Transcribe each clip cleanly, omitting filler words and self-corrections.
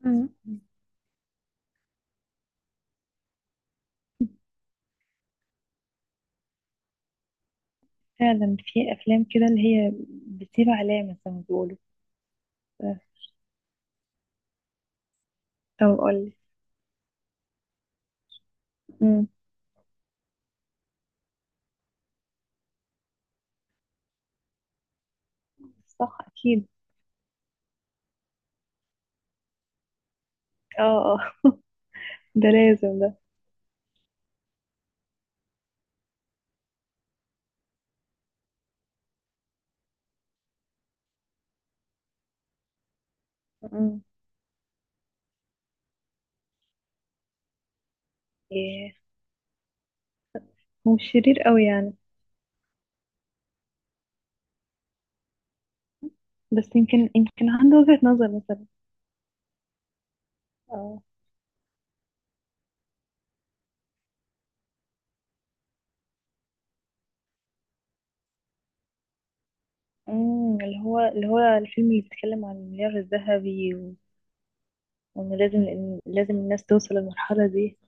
مم. فعلا في افلام كده اللي هي بتسيب علامة زي ما بيقولوا. آه، طب اقول لك. صح، اكيد. اه، اه. ده لازم ده. مم. إيه، هو مش شرير قوي يعني. بس يمكن عنده وجهة نظر مثلا. اه. مم، اللي هو الفيلم اللي بيتكلم عن المليار الذهبي و- وان لازم إن الناس توصل للمرحلة دي.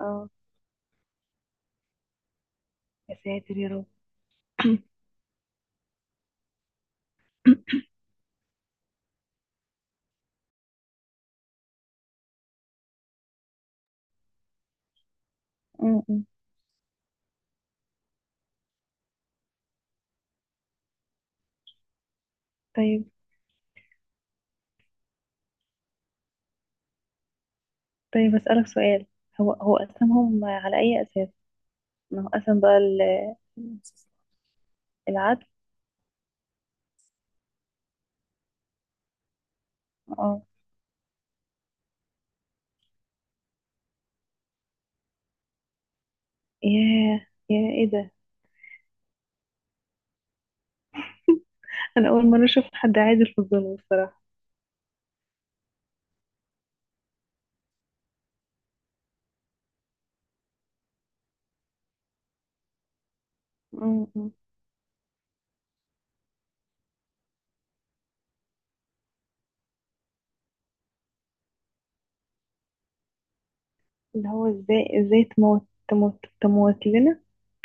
اه، يا ساتر يا رب. مم، مم. طيب، طيب اسألك سؤال. هو أسمهم على أي أساس؟ نوقفن بقى ال- العدل. اه، ياه ياه، ايه ده؟ انا اول مره اشوف حد عادل في الظلم الصراحه. م- م. اللي هو ازاي ازاي تموت تموت تموت لنا؟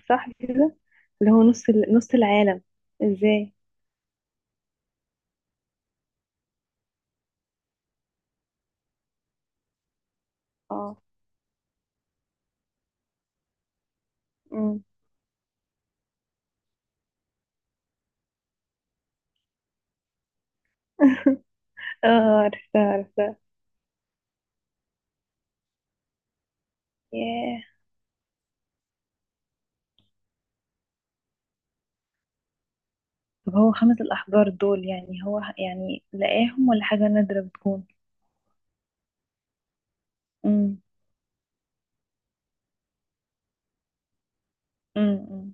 صح كده؟ اللي هو نص العالم؟ ازاي؟ اه. م. اه، عرفتها، عرفتها. ياه. طب هو خمس الأحجار دول، يعني يعني لقاهم ولا حاجة نادرة بتكون؟ امم امم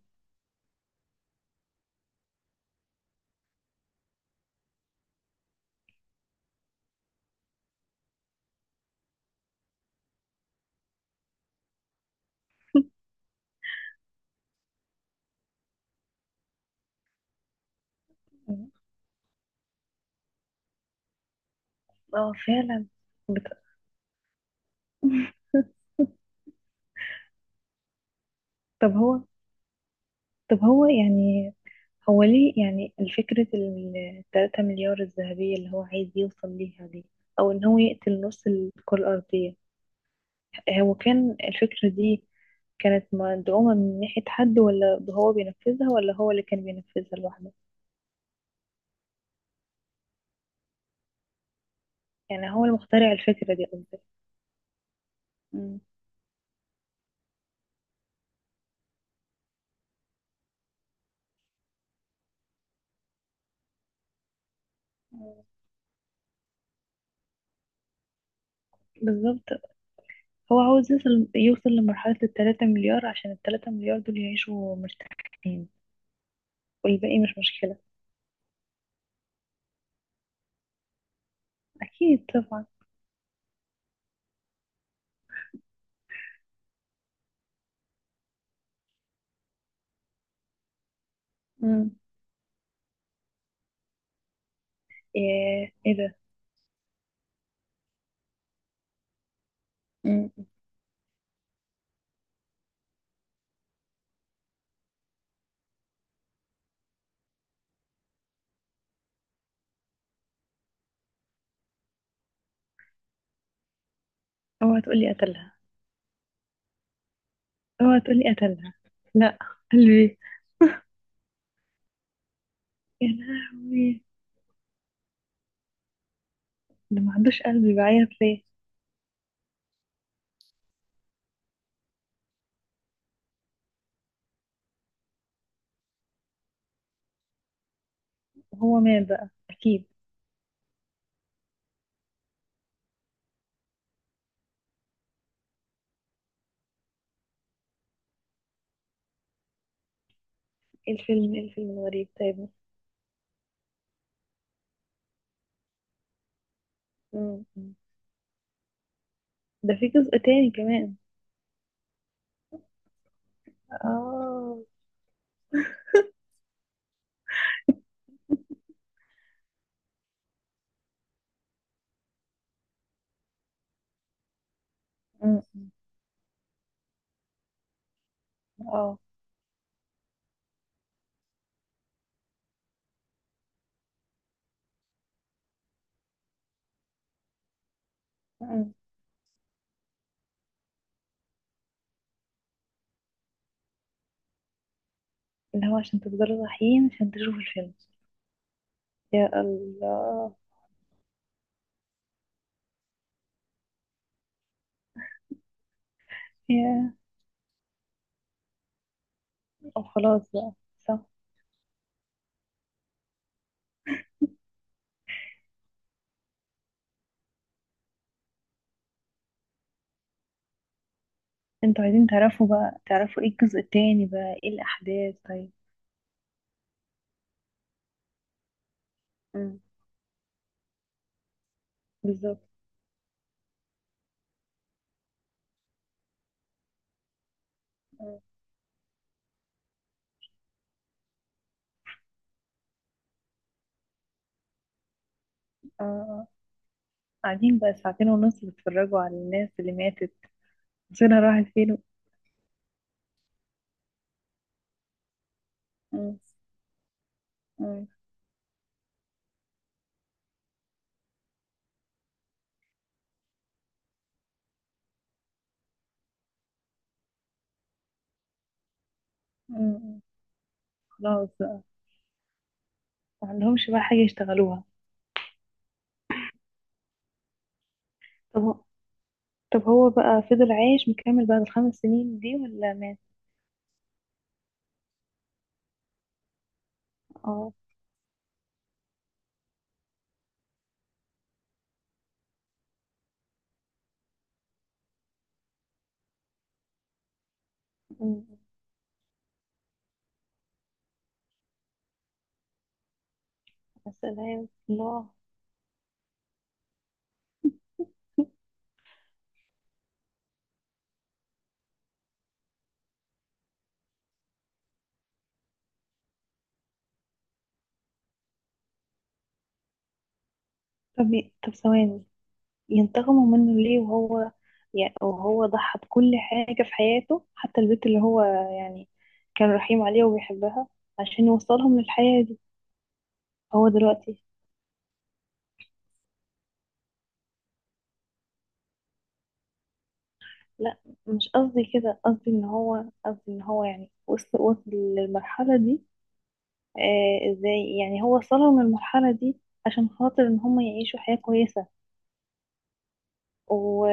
اه فعلا. بت... طب هو، طب هو يعني هو ليه يعني الفكرة ال3 مليار الذهبية اللي هو عايز يوصل ليها دي، أو إن هو يقتل نص الكرة الأرضية؟ هو كان الفكرة دي كانت مدعومة من ناحية حد، ولا هو بينفذها، ولا هو اللي كان بينفذها لوحده؟ يعني هو المخترع الفكرة دي قصدي. مم. بالظبط. هو عاوز يوصل لمرحلة ال3 مليار عشان ال3 مليار دول يعيشوا مرتاحين. والباقي مش مشكلة. أكيد طبعا. مم. إيه ده! مم. اوعى تقولي قتلها! اوعى تقولي قتلها! لا، قلبي. يا لهوي، ده ما عندوش قلبي، بعيط ليه؟ هو مات بقى اكيد. ايه الفيلم، ايه الفيلم الغريب؟ طيب. مم. ده في جزء تاني كمان؟ اه. مم. اه. مم. اللي هو عشان تفضلوا صاحيين عشان تشوفوا الفيلم. يا الله. يا أو خلاص بقى. صح. انتوا عايزين تعرفوا بقى، تعرفوا ايه الجزء التاني بقى، ايه الأحداث؟ طيب. مم. بالظبط. مم. اه. قاعدين بقى ساعتين ونص بيتفرجوا على الناس اللي ماتت؟ مصيرها راحت فين؟ مم. مم. مم. خلاص بقى. ما عندهمش بقى حاجة يشتغلوها. طب هو طب هو بقى فضل عايش مكمل بعد ال5 سنين دي، ولا مات؟ اه. مم. يا سلام الله. طب ثواني، ينتقموا منه ليه؟ وهو يعني وهو ضحى بكل حاجة في حياته، حتى البنت اللي هو يعني كان رحيم عليها وبيحبها، عشان يوصلهم للحياة دي هو دلوقتي. لا، مش قصدي كده، قصدي ان هو، قصدي ان هو يعني وصل للمرحلة دي. آه، ازاي يعني هو وصلوا من المرحلة دي عشان خاطر ان هم يعيشوا حياة كويسة و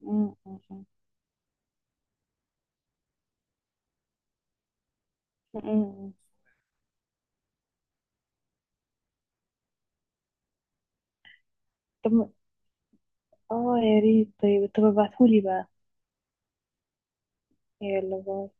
م- م- م- م- م. طب، اه يا ريت، طيب طب ابعتهولي بقى. يلا، باي.